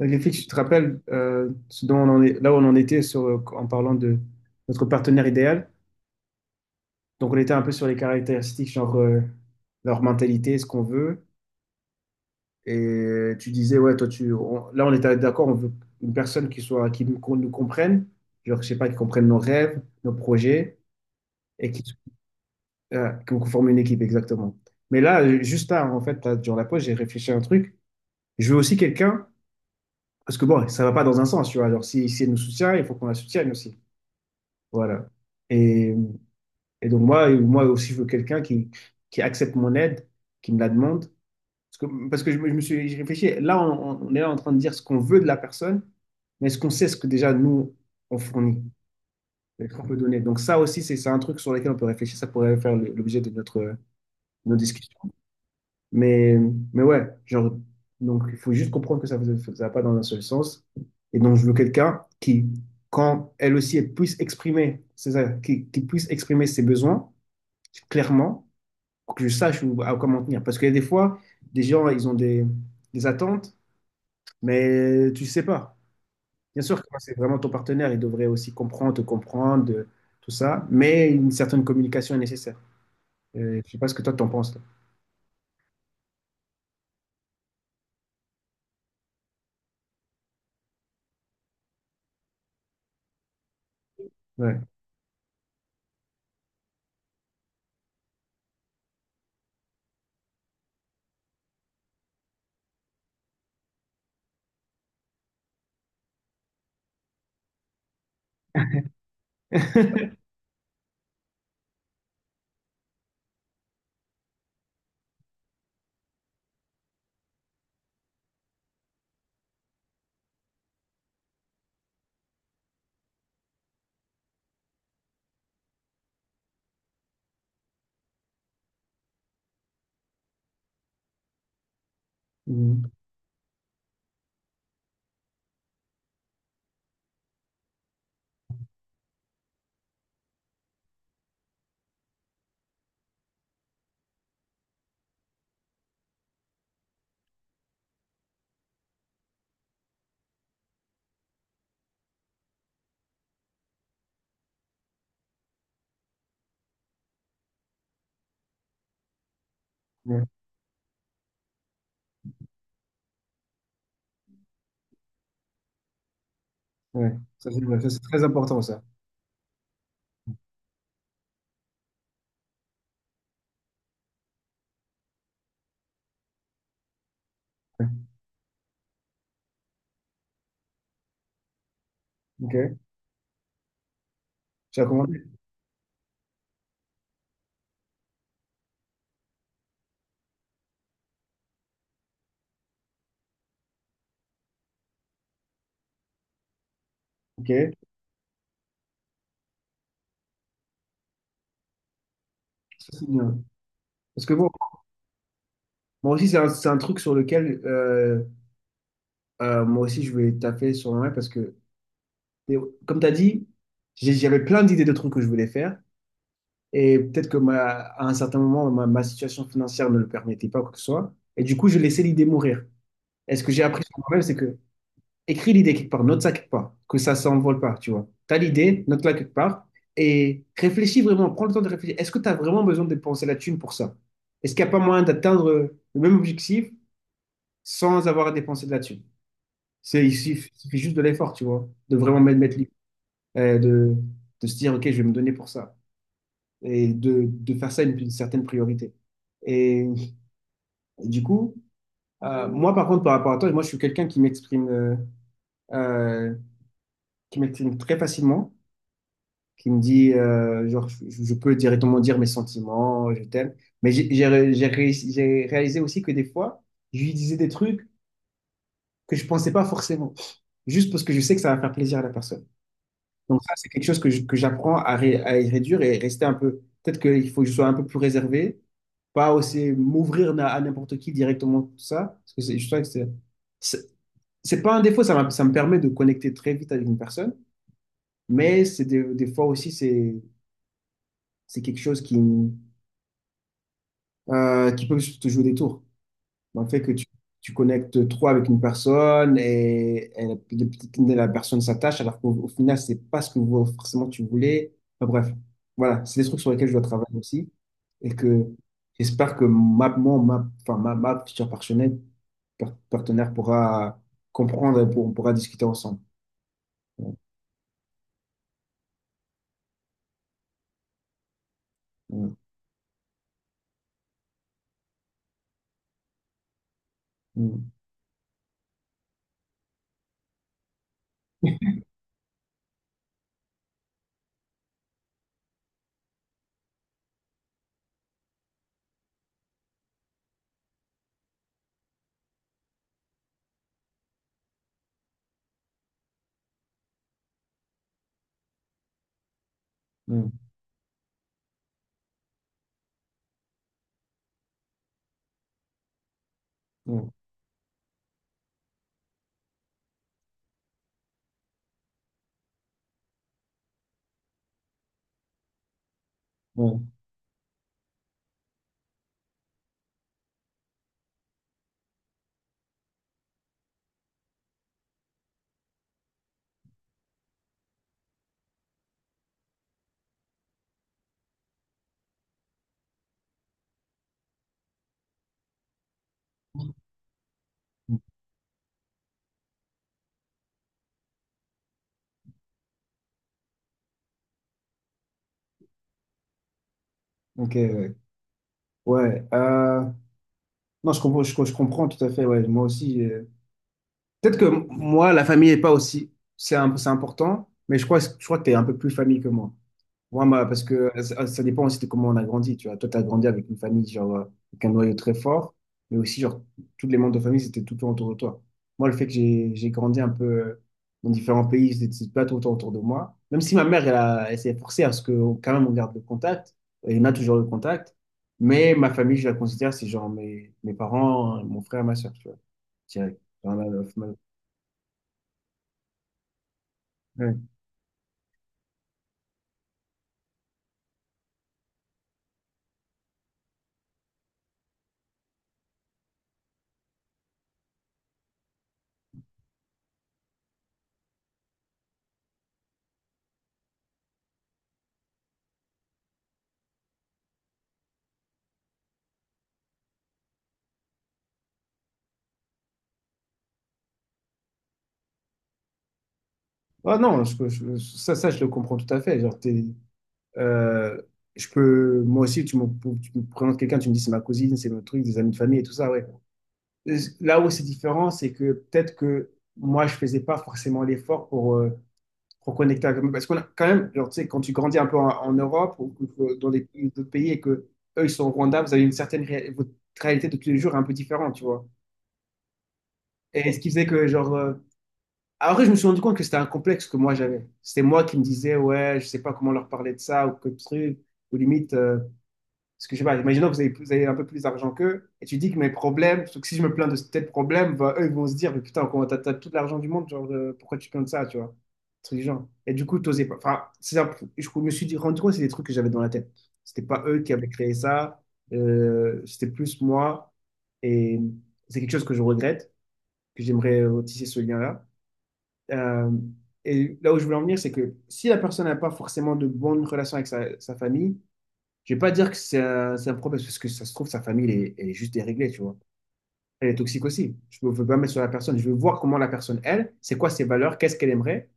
Griffith, tu te rappelles ce dont on en est, là où on en était sur, en parlant de notre partenaire idéal. Donc, on était un peu sur les caractéristiques, genre leur mentalité, ce qu'on veut. Et tu disais, ouais, toi, là, on était d'accord, on veut une personne qui soit, qui nous, qu'on nous comprenne, genre, je sais pas, qui comprenne nos rêves, nos projets, et qui, qu'on forme une équipe, exactement. Mais là, juste là, en fait, là, durant la pause, j'ai réfléchi à un truc. Je veux aussi quelqu'un, parce que bon, ça va pas dans un sens, tu vois. Alors, si elle nous soutient, il faut qu'on la soutienne aussi. Voilà. Et, et donc moi aussi, je veux quelqu'un qui accepte mon aide, qui me la demande. Parce que je me suis j'ai réfléchi. Là, on est là en train de dire ce qu'on veut de la personne, mais est-ce qu'on sait ce que déjà nous, on fournit, ce qu'on peut donner. Donc ça aussi, c'est un truc sur lequel on peut réfléchir. Ça pourrait faire l'objet de nos discussions. Mais, mais ouais, genre, donc il faut juste comprendre que ça ne va pas dans un seul sens. Et donc, je veux quelqu'un quand elle aussi, elle puisse exprimer, c'est ça, qui puisse exprimer ses besoins clairement pour que je sache où, à quoi m'en tenir. Parce que des fois, des gens, ils ont des attentes, mais tu ne sais pas. Bien sûr que quand c'est vraiment ton partenaire, il devrait aussi comprendre, te comprendre, tout ça, mais une certaine communication est nécessaire. Je ne sais pas ce que toi, t'en penses. Toi. Ouais. Mhm. Ouais, ouais. Ça, c'est vrai ça, c'est très important, ça. Ouais. Ok, tu as commandé. Ok, ça, c'est bien. Parce que bon, moi aussi, c'est un truc sur lequel moi aussi, je vais taper sur moi. Parce que Et comme tu as dit, j'avais plein d'idées de trucs que je voulais faire. Et peut-être que à un certain moment, ma situation financière ne le permettait pas, quoi que ce soit. Et du coup, je laissais l'idée mourir. Et ce que j'ai appris sur moi-même, c'est que écris l'idée quelque part, note ça quelque part, que ça ne s'envole pas, tu vois. Tu as l'idée, note-la quelque part. Et réfléchis vraiment, prends le temps de réfléchir. Est-ce que tu as vraiment besoin de dépenser la thune pour ça? Est-ce qu'il n'y a pas moyen d'atteindre le même objectif sans avoir à dépenser de la thune? Il suffit juste de l'effort, tu vois, de vraiment mettre euh, de, de se dire, OK, je vais me donner pour ça, et de faire ça une certaine priorité. Et, et du coup, moi, par contre, par rapport à toi, moi, je suis quelqu'un euh, qui m'exprime très facilement, qui me dit, genre, je peux directement dire mes sentiments, je t'aime. Mais j'ai ré- j'ai réussi- j'ai réalisé aussi que des fois, je lui disais des trucs que je pensais pas forcément, juste parce que je sais que ça va faire plaisir à la personne. Donc ça, c'est quelque chose que j'apprends à y réduire et rester un peu. Peut-être qu'il faut que je sois un peu plus réservé, pas aussi m'ouvrir à n'importe qui directement, tout ça. Parce que je trouve que c'est c'est pas un défaut, ça, ça me permet de connecter très vite avec une personne, mais c'est des fois aussi, c'est quelque chose qui peut te jouer des tours. Le fait que tu connectes trop avec une personne et la personne s'attache, alors qu'au final, c'est pas ce que forcément tu voulais. Enfin, bref, voilà, c'est des trucs sur lesquels je dois travailler aussi. Et que j'espère que ma, mon, ma, enfin, ma future partenaire pourra comprendre et on pourra discuter ensemble. Ouais, ouais, ouais, ouais, ouais, ouais. Ok, ouais. Ouais, non, je comprends, je comprends tout à fait. Ouais, moi aussi. Peut-être que moi, la famille n'est pas aussi. C'est important, mais je crois que tu es un peu plus famille que moi. Moi, parce que ça dépend aussi de comment on a grandi. Tu vois, toi, tu as grandi avec une famille, genre, avec un noyau très fort, mais aussi, genre, tous les membres de famille, c'était tout le temps autour de toi. Moi, le fait que j'ai grandi un peu dans différents pays, c'était pas tout le temps autour de moi. Même si ma mère, elle, elle s'est forcée à ce que, quand même, on garde le contact, et on a toujours le contact, mais ma famille, je la considère, c'est genre mes parents, mon frère, ma soeur, tu vois, direct. Ah non, ça, je le comprends tout à fait. Genre, euh, je peux, moi aussi, tu me présentes quelqu'un, tu me dis c'est ma cousine, c'est mon truc, des amis de famille et tout ça, ouais. Là où c'est différent, c'est que peut-être que moi, je faisais pas forcément l'effort pour connecter avec eux. Parce qu'on a quand même, genre, tu sais, quand tu grandis un peu en Europe ou dans les d'autres pays et que eux, ils sont au Rwanda, vous avez votre réalité de tous les jours est un peu différente, tu vois. Et ce qui faisait que, genre, après, je me suis rendu compte que c'était un complexe que moi j'avais. C'était moi qui me disais, ouais, je sais pas comment leur parler de ça ou que truc, ou limite, parce que je sais pas, imaginons que vous avez un peu plus d'argent qu'eux, et tu dis que mes problèmes, sauf que si je me plains de tel problème, bah, eux ils vont se dire, mais putain, comment t'as tout l'argent du monde, genre, pourquoi tu te plains de ça, tu vois? Un truc du genre. Et du coup, t'osais pas. Enfin, je me suis rendu compte que c'est des trucs que j'avais dans la tête. C'était pas eux qui avaient créé ça, c'était plus moi, et c'est quelque chose que je regrette, que j'aimerais tisser ce lien-là. Euh, et là où je voulais en venir, c'est que si la personne n'a pas forcément de bonnes relations avec sa famille, je vais pas dire que c'est un problème, parce que ça se trouve, sa famille, elle est juste déréglée, tu vois. Elle est toxique aussi. Je ne veux pas mettre sur la personne. Je veux voir comment la personne, elle, c'est quoi ses valeurs, qu'est-ce qu'elle aimerait.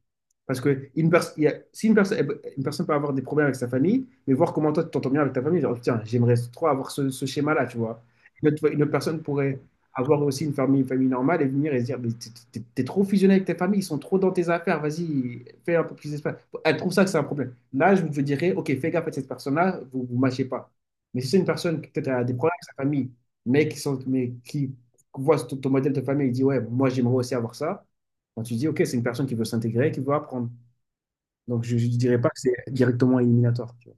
Parce que une pers- il y a- si une, personne une personne peut avoir des problèmes avec sa famille, mais voir comment toi tu t'entends bien avec ta famille, genre, tiens, j'aimerais trop avoir ce schéma-là, tu vois. Une autre personne pourrait avoir aussi une famille normale et venir et se dire, mais t'es trop fusionné avec ta famille, ils sont trop dans tes affaires, vas-y, fais un peu plus d'espace. Elle trouve ça que c'est un problème. Là, je vous dirais, ok, fais gaffe à cette personne-là, vous vous mâchez pas. Mais si c'est une personne qui peut-être a des problèmes avec sa famille, mais qui voit ton modèle de famille et dit, ouais, moi j'aimerais aussi avoir ça, quand tu dis, ok, c'est une personne qui veut s'intégrer, qui veut apprendre. Donc, je ne dirais pas que c'est directement éliminatoire, tu vois.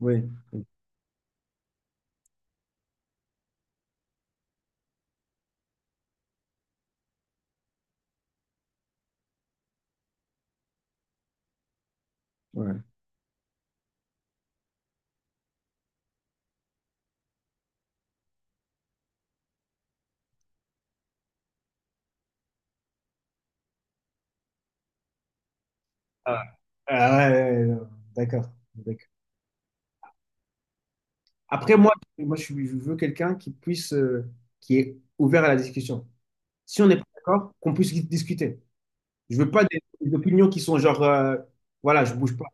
Oui. Oui, ouais. Ah, ah ouais, ouais, ouais, ouais. D'accord. D'accord. Après, moi, moi je veux quelqu'un qui est ouvert à la discussion. Si on n'est pas d'accord, qu'on puisse discuter. Je veux pas des opinions qui sont genre, voilà, je bouge pas.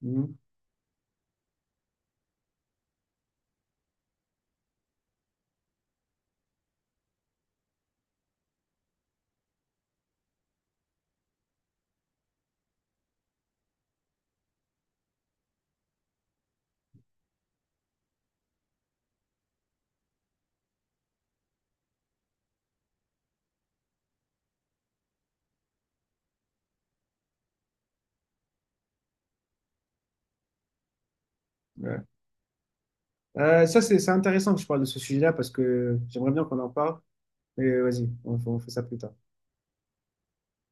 Mhm. Ouais. Ça, c'est intéressant que je parle de ce sujet-là parce que j'aimerais bien qu'on en parle. Mais vas-y, on fait ça plus tard.